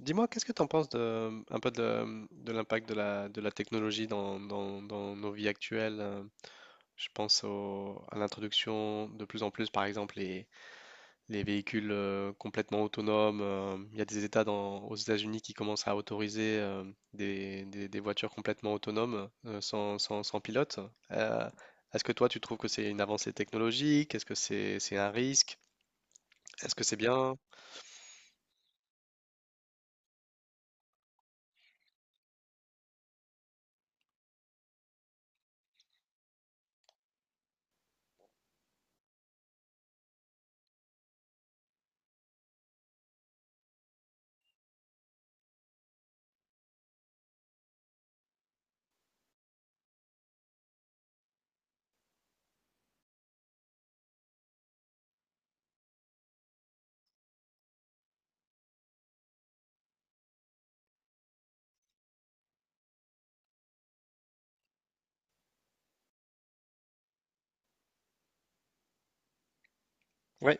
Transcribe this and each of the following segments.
Dis-moi, qu'est-ce que tu en penses de l'impact de la technologie dans nos vies actuelles? Je pense à l'introduction de plus en plus, par exemple, les véhicules complètement autonomes. Il y a des États aux États-Unis qui commencent à autoriser des voitures complètement autonomes, sans pilote. Euh, est-ce que toi, tu trouves que c'est une avancée technologique? Est-ce que c'est un risque? Est-ce que c'est bien? Ouais,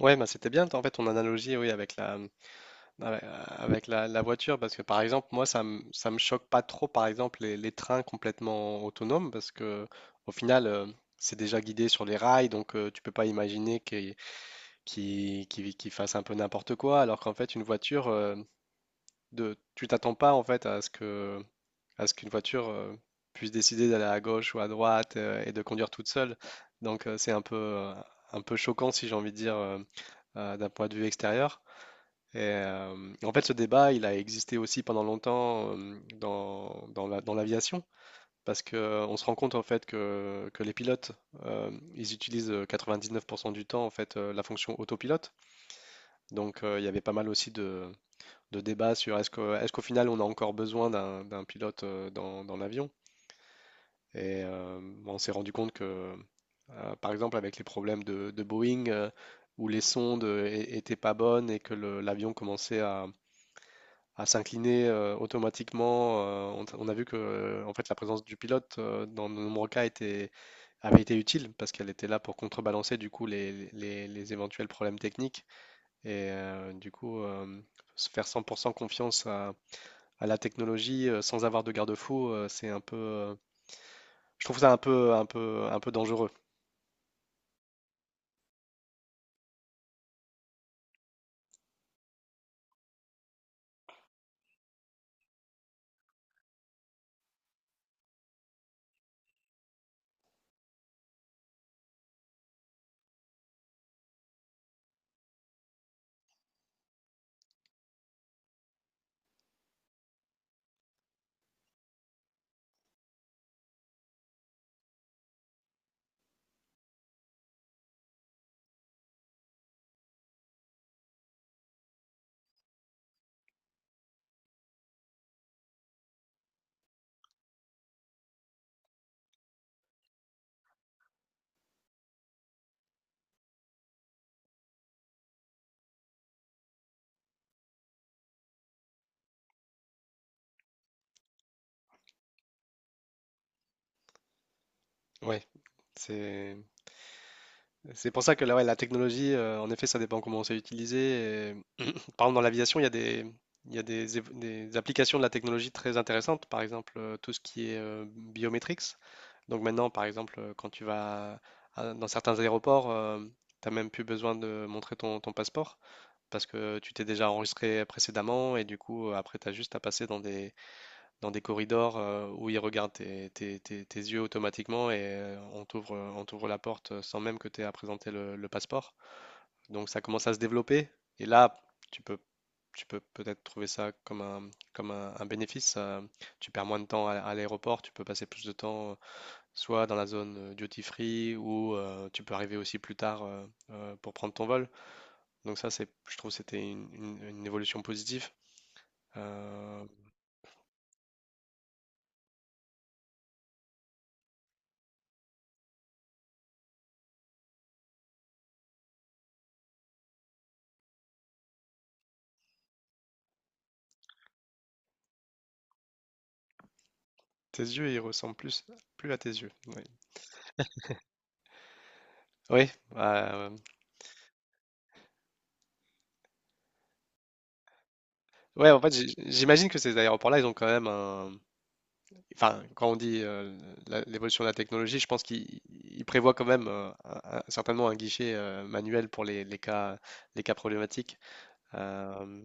ouais, bah c'était bien en fait ton analogie oui avec la voiture, parce que par exemple, moi, ça me choque pas trop, par exemple, les trains complètement autonomes, parce que au final, c'est déjà guidé sur les rails, donc tu peux pas imaginer qu'ils fassent un peu n'importe quoi, alors qu'en fait, une voiture, tu t'attends pas en fait à ce qu'une voiture puisse décider d'aller à gauche ou à droite et de conduire toute seule. Donc, c'est un peu choquant, si j'ai envie de dire, d'un point de vue extérieur. Et, en fait, ce débat, il a existé aussi pendant longtemps dans l'aviation, parce que on se rend compte en fait que les pilotes, ils utilisent 99% du temps en fait la fonction autopilote. Donc, il y avait pas mal aussi de débats sur est-ce qu'au final, on a encore besoin d'un pilote dans l'avion? Et on s'est rendu compte que, par exemple, avec les problèmes de Boeing, où les sondes étaient pas bonnes et que l'avion commençait à s'incliner automatiquement. On a vu que en fait, la présence du pilote dans de nombreux cas avait été utile parce qu'elle était là pour contrebalancer du coup les, les éventuels problèmes techniques et du coup se faire 100% confiance à la technologie sans avoir de garde-fou, c'est un peu, je trouve ça un peu, un peu, un peu dangereux. Ouais, c'est c'est pour ça que là, ouais, la technologie, en effet, ça dépend comment c'est utilisé. Par exemple, dans l'aviation, il y a des, il y a des, év- des applications de la technologie très intéressantes, par exemple tout ce qui est biometrics. Donc maintenant, par exemple, quand tu vas dans certains aéroports, tu n'as même plus besoin de montrer ton passeport parce que tu t'es déjà enregistré précédemment et du coup, après, tu as juste à passer dans des corridors où ils regardent tes yeux automatiquement et on t'ouvre la porte sans même que tu aies à présenter le passeport. Donc ça commence à se développer et là, tu peux tu peux peut-être trouver ça comme un bénéfice. Tu perds moins de temps à l'aéroport, tu peux passer plus de temps soit dans la zone duty free ou tu peux arriver aussi plus tard pour prendre ton vol. Donc ça, c'est, je trouve, que c'était une, une évolution positive. Euh, tes yeux, ils ressemblent plus à tes yeux. Oui, oui, euh, ouais. En fait, j'imagine que ces aéroports-là, ils ont quand même enfin, quand on dit l'évolution de la technologie, je pense qu'il il prévoit quand même certainement un guichet manuel pour les cas problématiques. Euh,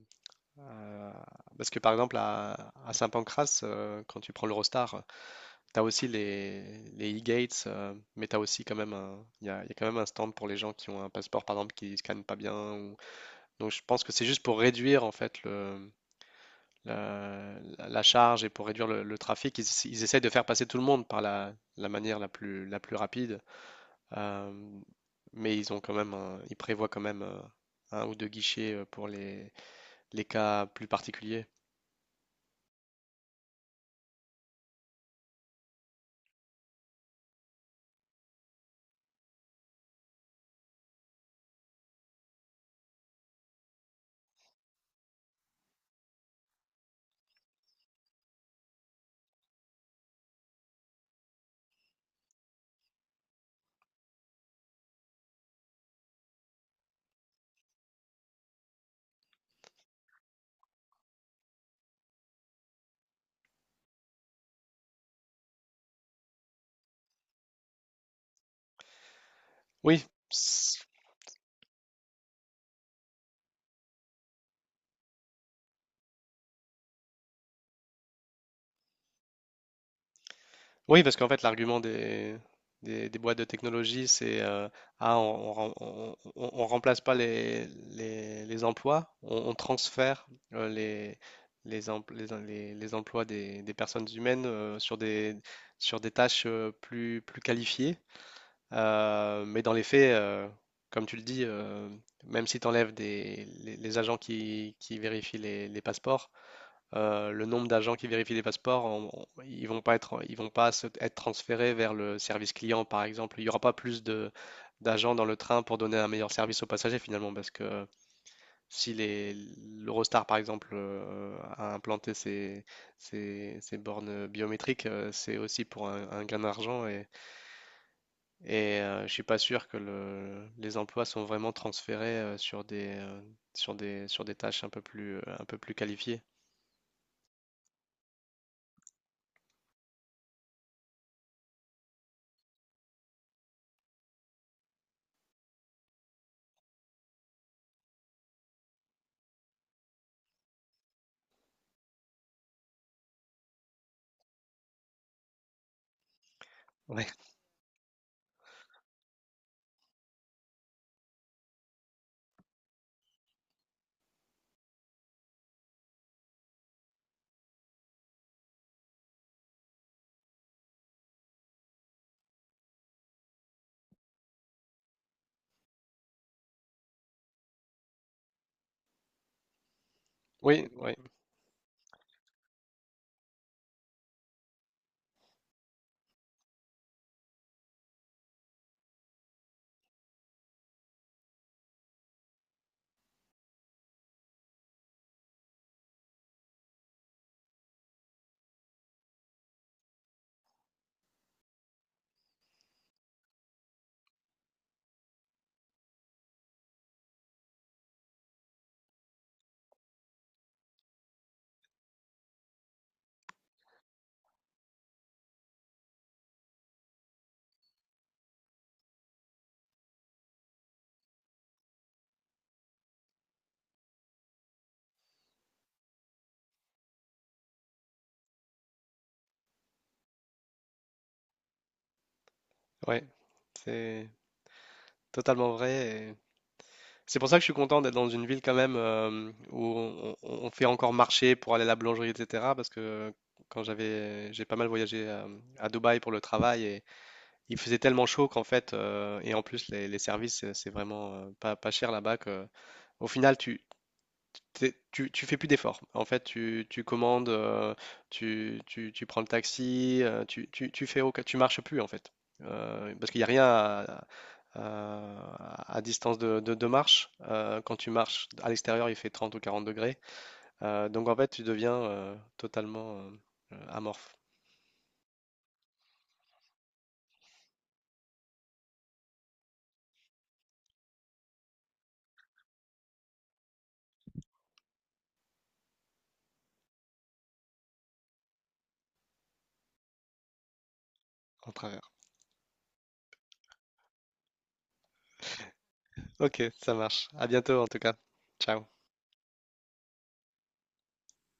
euh, parce que par exemple, à Saint-Pancras, quand tu prends l'Eurostar, tu as aussi les e-gates, mais tu as aussi quand même un, il y a quand même un stand pour les gens qui ont un passeport, par exemple, qui ne scannent pas bien. Donc je pense que c'est juste pour réduire en fait la charge et pour réduire le trafic, ils essayent de faire passer tout le monde par la manière la plus rapide. Euh, mais ils ont quand même ils prévoient quand même un ou deux guichets pour les cas plus particuliers. Oui, oui, parce qu'en fait, l'argument des boîtes de technologie, c'est ah, on remplace pas les emplois, on transfère euh, les, les, empl- les, em- les emplois des personnes humaines sur sur des tâches plus qualifiées. Mais dans les faits, comme tu le dis, même si tu enlèves les agents qui vérifient les passeports, le nombre d'agents qui vérifient les passeports, ils vont pas être, ils vont pas se- être transférés vers le service client, par exemple. Il n'y aura pas plus de d'agents dans le train pour donner un meilleur service aux passagers finalement, parce que si les l'Eurostar par exemple a implanté ses bornes biométriques, c'est aussi pour un gain d'argent et je suis pas sûr que les emplois sont vraiment transférés sur des tâches un peu plus qualifiées. Ouais. Oui, oui. Ouais, c'est totalement vrai, et c'est pour ça que je suis content d'être dans une ville quand même où on fait encore marcher pour aller à la boulangerie, etc. Parce que quand j'ai pas mal voyagé Dubaï pour le travail et il faisait tellement chaud qu'en fait, et en plus les services, c'est vraiment pas cher là-bas que au final, tu fais plus d'efforts. En fait, tu commandes, tu prends le taxi, tu, tu, tu fais aucun- tu marches plus en fait. Parce qu'il n'y a rien à distance de marche. Quand tu marches à l'extérieur, il fait 30 ou 40 degrés. Donc en fait, tu deviens totalement amorphe en travers. Ok, ça marche. À bientôt en tout cas. Ciao.